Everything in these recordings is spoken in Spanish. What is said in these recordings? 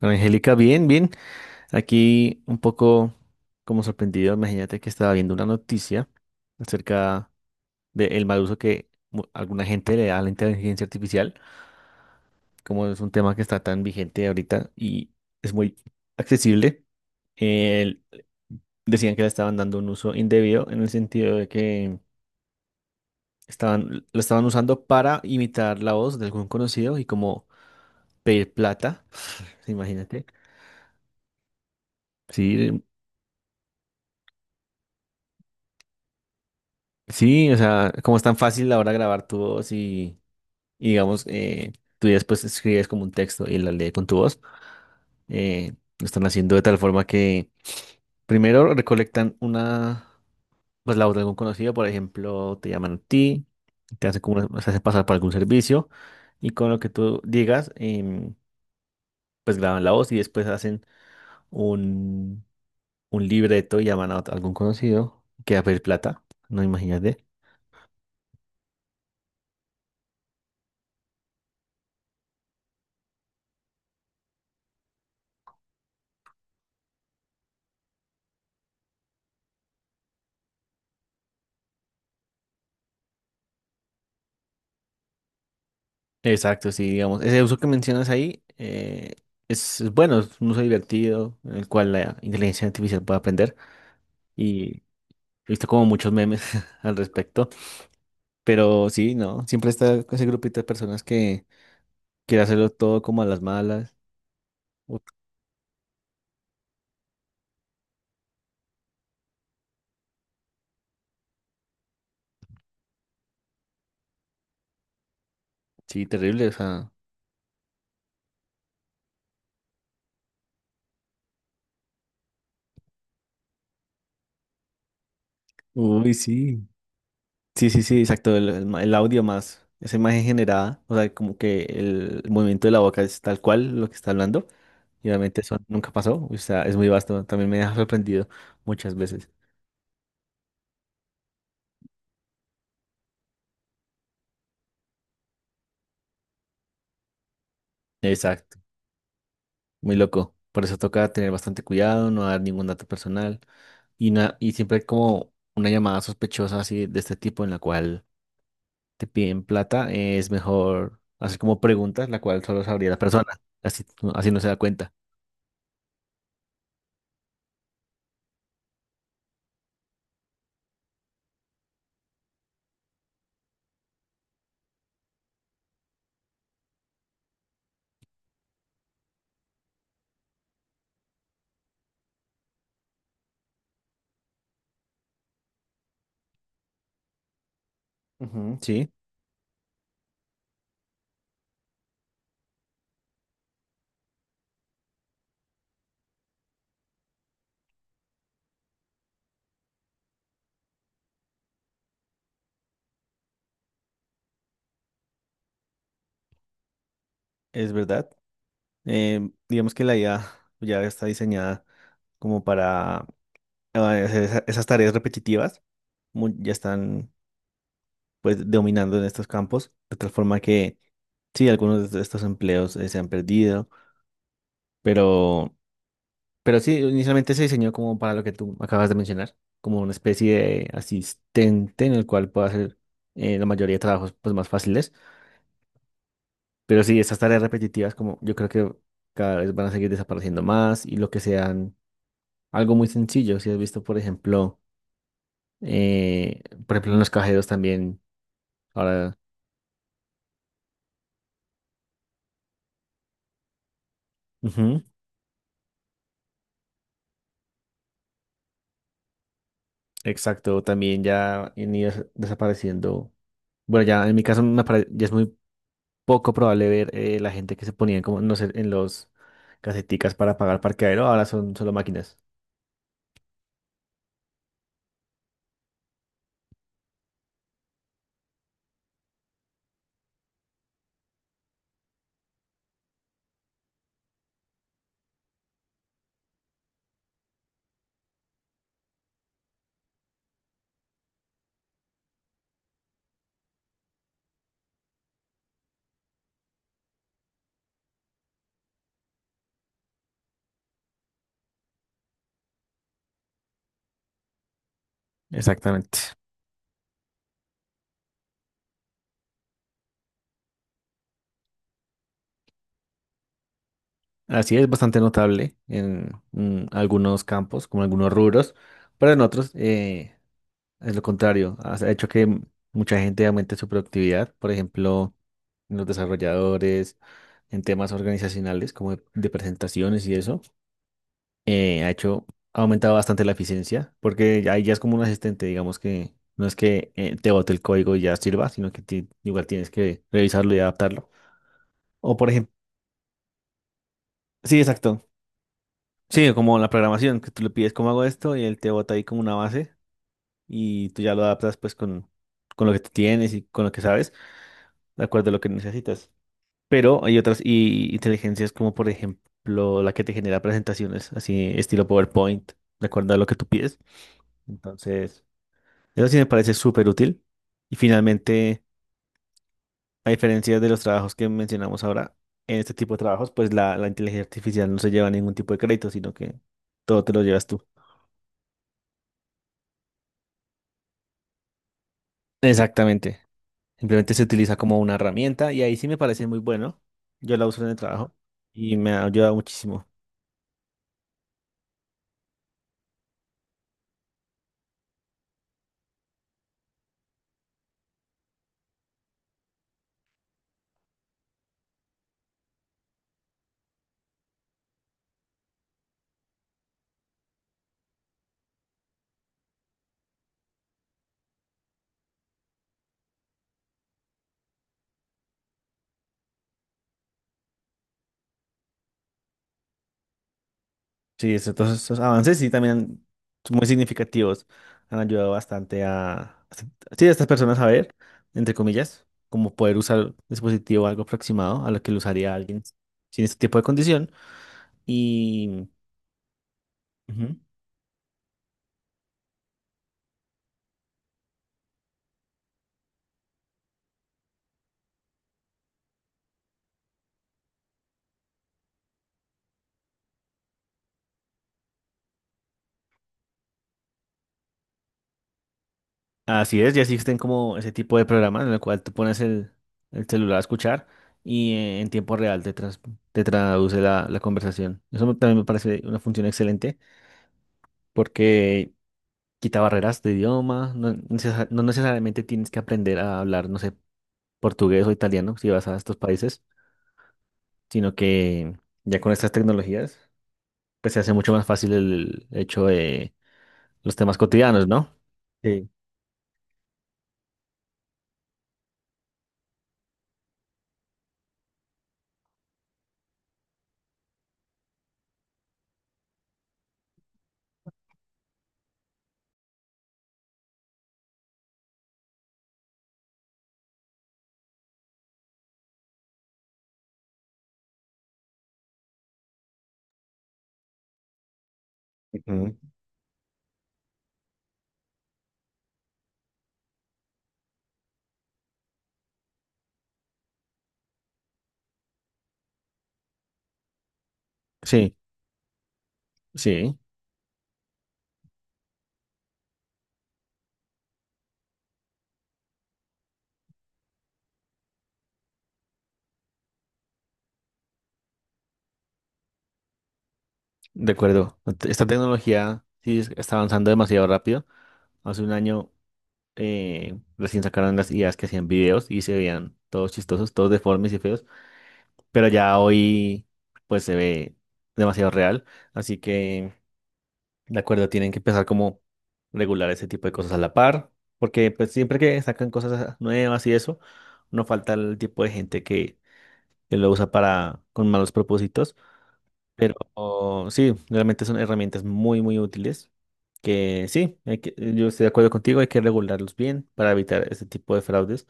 Angélica, bien, bien. Aquí un poco como sorprendido, imagínate que estaba viendo una noticia acerca del mal uso que alguna gente le da a la inteligencia artificial, como es un tema que está tan vigente ahorita y es muy accesible. el- Decían que le estaban dando un uso indebido en el sentido de que estaban, lo estaban usando para imitar la voz de algún conocido y como pedir plata, imagínate. Sí, sí, o sea, como es tan fácil ahora grabar tu voz y digamos, tú ya después escribes como un texto y la lees con tu voz, eh, lo están haciendo de tal forma que primero recolectan una, pues la voz de algún conocido, por ejemplo, te llaman a ti, te hacen como, se hacen pasar por algún servicio y con lo que tú digas, pues graban la voz y después hacen un, un libreto y llaman a algún conocido que va a pedir plata, no imagínate. Exacto, sí, digamos. Ese uso que mencionas ahí es bueno, es un uso divertido en el cual la inteligencia artificial puede aprender y he visto como muchos memes al respecto, pero sí, no, siempre está ese grupito de personas que quiere hacerlo todo como a las malas. Uf, sí, terrible, o sea. Uy, sí. Sí, sí, sí, exacto, el, el el audio más, esa imagen generada, o sea, como que el movimiento de la boca es tal cual lo que está hablando, y obviamente eso nunca pasó, o sea, es muy vasto, también me ha sorprendido muchas veces. Exacto, muy loco, por eso toca tener bastante cuidado, no dar ningún dato personal, y, y siempre hay como una llamada sospechosa así de este tipo en la cual te piden plata, es mejor hacer como preguntas, la cual solo sabría la persona, así, así no se da cuenta. Ujú, sí, es verdad. Digamos que la IA ya está diseñada como para eh, hacer esas tareas repetitivas, ya están pues dominando en estos campos, de tal forma que sí, algunos de estos empleos se han perdido, pero, pero sí, inicialmente se diseñó como para lo que tú acabas de mencionar, como una especie de asistente en el cual pueda hacer la mayoría de trabajos pues más fáciles, pero sí, estas tareas repetitivas como yo creo que cada vez van a seguir desapareciendo más y lo que sean. Algo muy sencillo, si has visto, por ejemplo, en los cajeros también, ahora, ujú, exacto, también ya han ido desapareciendo. Bueno, ya en mi caso ya es muy poco probable ver la gente que se ponía como, no sé, en los caseticas para pagar parqueadero, ahora son solo máquinas. Exactamente. Así es bastante notable en algunos campos, como algunos rubros, pero en otros, es lo contrario, ha hecho que mucha gente aumente su productividad, por ejemplo, en los desarrolladores, en temas organizacionales como de presentaciones y eso, ha hecho, ha aumentado bastante la eficiencia, porque ahí ya es como un asistente, digamos que no es que te bote el código y ya sirva, sino que igual tienes que revisarlo y adaptarlo. O por ejemplo, sí, exacto, sí, como la programación, que tú le pides cómo hago esto y él te bota ahí como una base y tú ya lo adaptas pues con lo que tú tienes y con lo que sabes, de acuerdo a lo que necesitas. Pero hay otras y, inteligencias como por ejemplo la que te genera presentaciones, así estilo PowerPoint, de acuerdo a lo que tú pides. Entonces, eso sí me parece súper útil. Y finalmente, a diferencia de los trabajos que mencionamos ahora, en este tipo de trabajos, pues la inteligencia artificial no se lleva ningún tipo de crédito, sino que todo te lo llevas tú. Exactamente. Simplemente se utiliza como una herramienta y ahí sí me parece muy bueno. Yo la uso en el trabajo y me ha ayudado muchísimo. Sí, todos estos avances sí también son muy significativos. Han ayudado bastante a, sí, a estas personas a ver, entre comillas, como poder usar el dispositivo algo aproximado a lo que lo usaría alguien sin este tipo de condición. Y ujú, así es, ya existen como ese tipo de programas en el cual tú pones el celular a escuchar y en tiempo real te, te traduce la, la conversación. Eso también me parece una función excelente porque quita barreras de idioma, no, no necesariamente tienes que aprender a hablar, no sé, portugués o italiano si vas a estos países, sino que ya con estas tecnologías, pues se hace mucho más fácil el hecho de los temas cotidianos, ¿no? Sí. Ujú. Sí, sí, de acuerdo. Esta tecnología sí está avanzando demasiado rápido. Hace un año recién sacaron las ideas que hacían videos y se veían todos chistosos, todos deformes y feos. Pero ya hoy pues se ve demasiado real, así que de acuerdo, tienen que empezar como regular ese tipo de cosas a la par, porque pues siempre que sacan cosas nuevas y eso, no falta el tipo de gente que lo usa para con malos propósitos. Pero oh, sí, realmente son herramientas muy, muy útiles. Que sí, yo estoy de acuerdo contigo, hay que regularlos bien para evitar este tipo de fraudes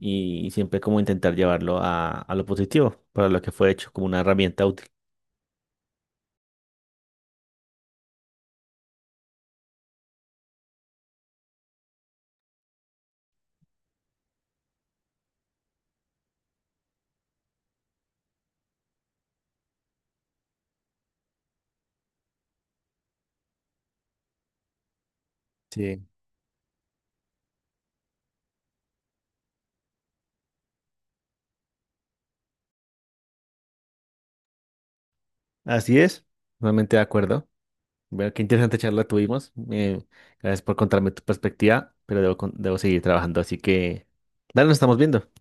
y siempre como intentar llevarlo a lo positivo, para lo que fue hecho, como una herramienta útil. Sí. Así es, realmente de acuerdo. Bueno, qué interesante charla tuvimos. Gracias por contarme tu perspectiva, pero debo, debo seguir trabajando, así que dale, nos estamos viendo.